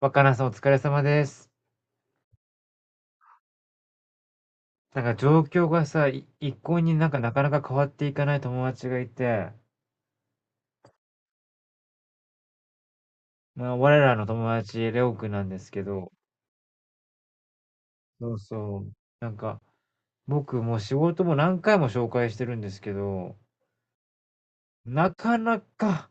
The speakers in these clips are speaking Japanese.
若菜さんお疲れ様です。状況がさ、一向になかなか変わっていかない友達がいて、まあ我らの友達、レオくんなんですけど、そうそう。なんか僕もう仕事も何回も紹介してるんですけど、なかなか、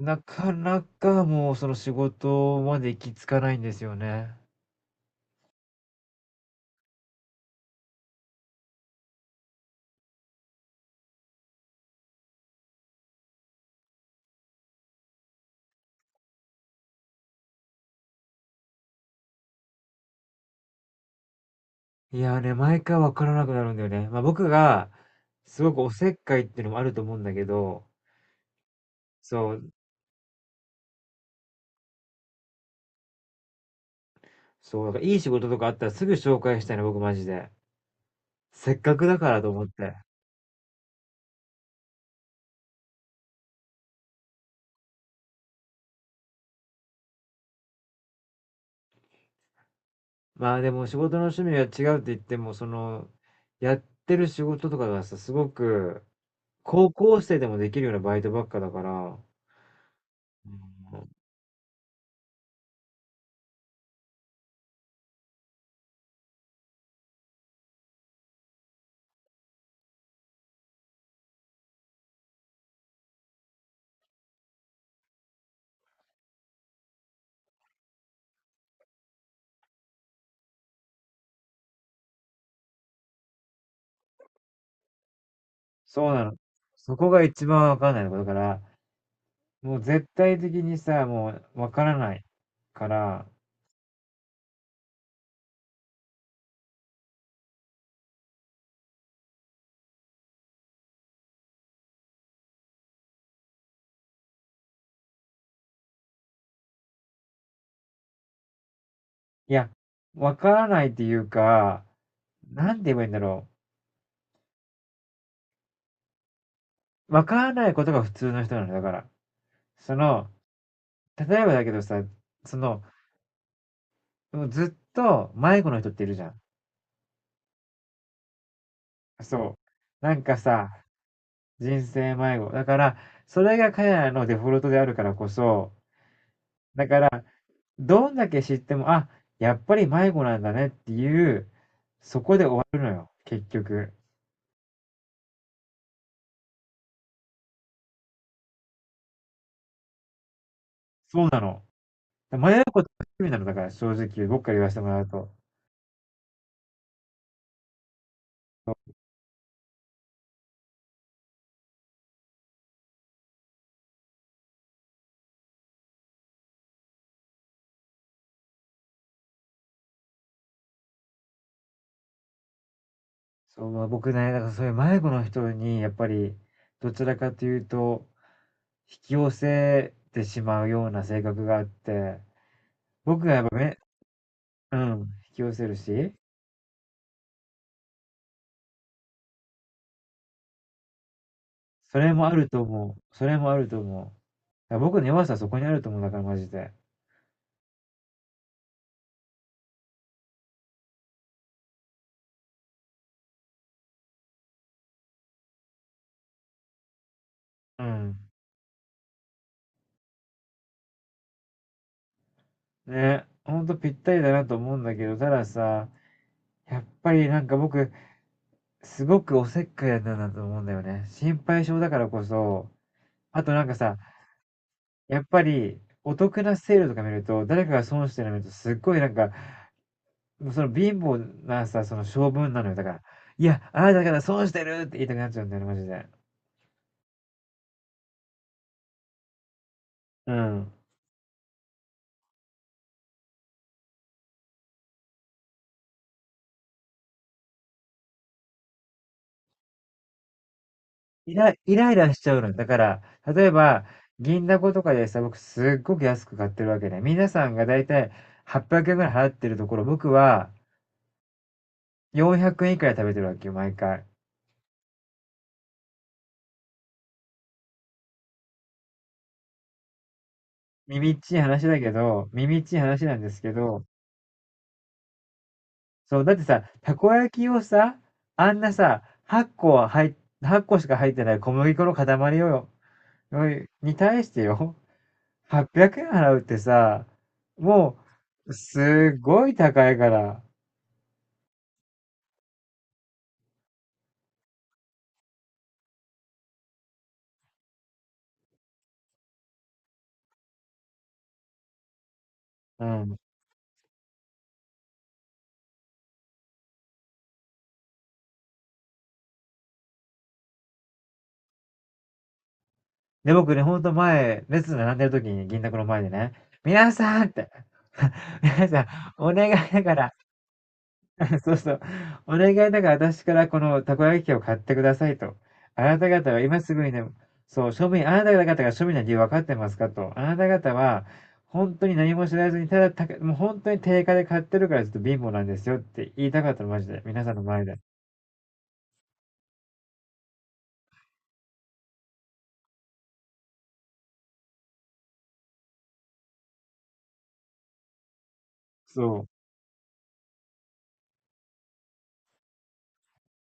なかなかもうその仕事まで行き着かないんですよね。いやーね、毎回わからなくなるんだよね。まあ僕が、すごくおせっかいっていうのもあると思うんだけど、そう、そう、だからいい仕事とかあったらすぐ紹介したいな、僕マジで。せっかくだからと思って。まあでも仕事の趣味が違うって言っても、その、やってる仕事とかがさ、すごく、高校生でもできるようなバイトばっかだから、うん。そうなの。そこが一番わかんないのだから、もう絶対的にさ、もうわからないから、いや、わからないっていうか、なんて言えばいいんだろう。わからないことが普通の人なのだから。その、例えばだけどさ、その、ずっと迷子の人っているじゃん。そう。なんかさ、人生迷子。だから、それが彼らのデフォルトであるからこそ、どんだけ知っても、あ、やっぱり迷子なんだねっていう、そこで結局、そうなの。意味なの、だから正直僕から言わせてもらうと。そう、まあ、僕ね、だからそういう迷子の人に、やっぱり、どちらかというと、引き寄せてしまうような性格があって、僕がやっぱめうん、引き寄せるし、それもあると思う。それもあると思う。だから僕の弱さはそこにあると思う、だからマジで。うん。ね、ほんとぴったりだなと思うんだけど、たださ、やっぱりなんか僕、すごくおせっかいなんだなと思うんだよね。心配性だからこそ、あとなんかさ、やっぱりお得なセールとか見ると、誰かが損してるの見ると、すっごいなんか、もうその貧乏なさ、その性分なのよ。だから、いや、あなたから損してるって言いたくなっちゃうんだよね、マジで。うん。イライラしちゃうの。だから、例えば、銀だことかでさ、僕すっごく安く買ってるわけね。皆さんがだいたい800円ぐらい払ってるところ、僕は400円以下で食べてるわけよ、毎回。耳っちい話だけど、耳っちい話なんですけど、そう、だってさ、たこ焼きをさ、あんなさ、8個は入っ、個しか入ってない小麦粉の塊をよ、おいに対してよ、800円払うってさ、もう、すっごい高いから。うん。で、僕ね、ほんと前、列並んでる時に銀だこの前でね、皆さんって、皆さん、お願いだから、そうそう、お願いだから私からこのたこ焼き器を買ってくださいと。あなた方は今すぐにね、そう、庶民、あなた方が庶民な理由分かってますかと。あなた方は、本当に何も知らずに、ただた、もう本当に定価で買ってるからちょっと貧乏なんですよって言いたかったの、マジで。皆さんの前で。そう。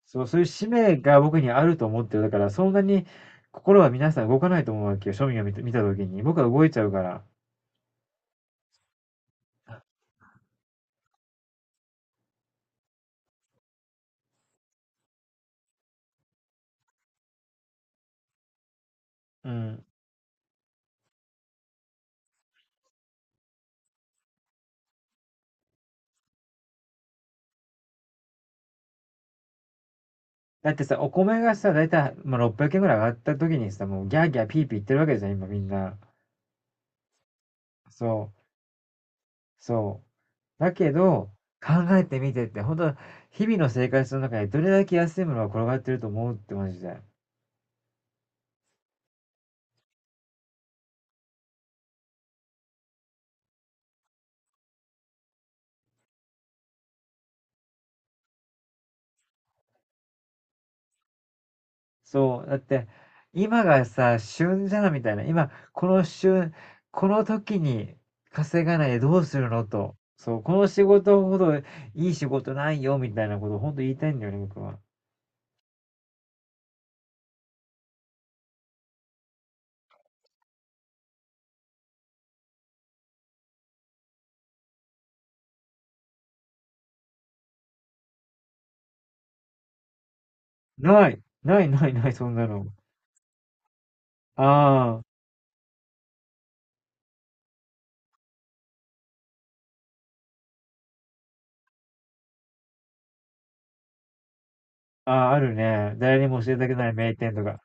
そう、そういう使命が僕にあると思ってる。だから、そんなに心は皆さん動かないと思うわけよ、庶民が見た時に。僕は動いちゃうから。うん。だってさ、お米がさ、だいたい、まあ、600円ぐらい上がった時にさ、もうギャーギャーピーピー言ってるわけじゃん、今みんな。そう、そう。だけど、考えてみてって、本当日々の生活の中でどれだけ安いものが転がってると思うってマジで。そう、だって、今がさ、旬じゃんみたいな。今、この旬、この時に稼がないでどうするのと。そう、この仕事ほどいい仕事ないよみたいなことを本当言いたいんだよね、僕は。ない、ないないない、そんなの。ああ、ああ、あるね。誰にも教えたくない名店とか。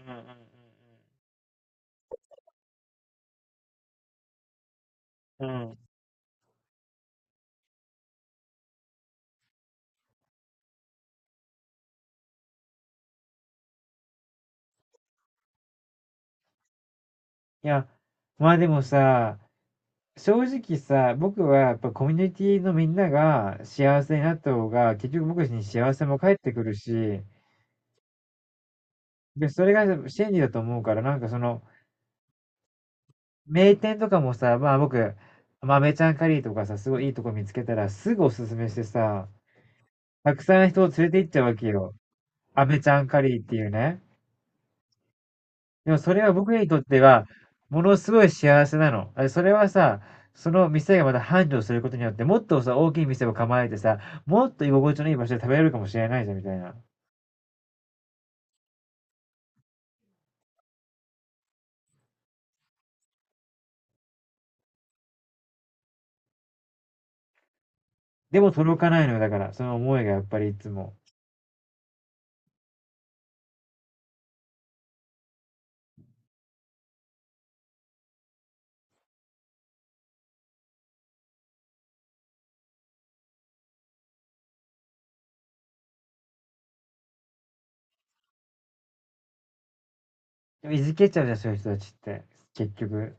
うんうんうんうん。うん。いや、まあでもさ、正直さ、僕はやっぱコミュニティのみんなが幸せになった方が、結局僕に幸せも返ってくるし、で、それが真理だと思うから、なんかその、名店とかもさ、まあ僕、豆ちゃんカリーとかさ、すごいいいとこ見つけたらすぐおすすめしてさ、たくさん人を連れて行っちゃうわけよ。飴ちゃんカリーっていうね。でもそれは僕にとっては、ものすごい幸せなの。あそれはさ、その店がまた繁盛することによって、もっとさ、大きい店を構えてさ、もっと居心地のいい場所で食べれるかもしれないじゃん、みたいな。でも届かないのよ、だから。その思いがやっぱりいつも。でもいじけちゃうじゃん、そういう人たちって。結局。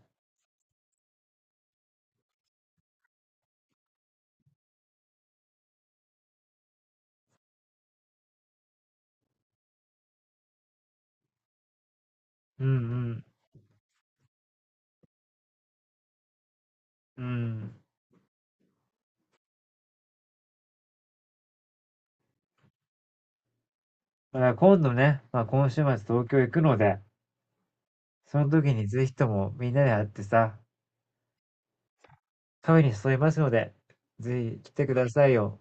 うんうん。うん。だから今度ね、まあ今週末東京行くので、その時にぜひともみんなで会ってさ、カフェに誘いますので、ぜひ来てくださいよ。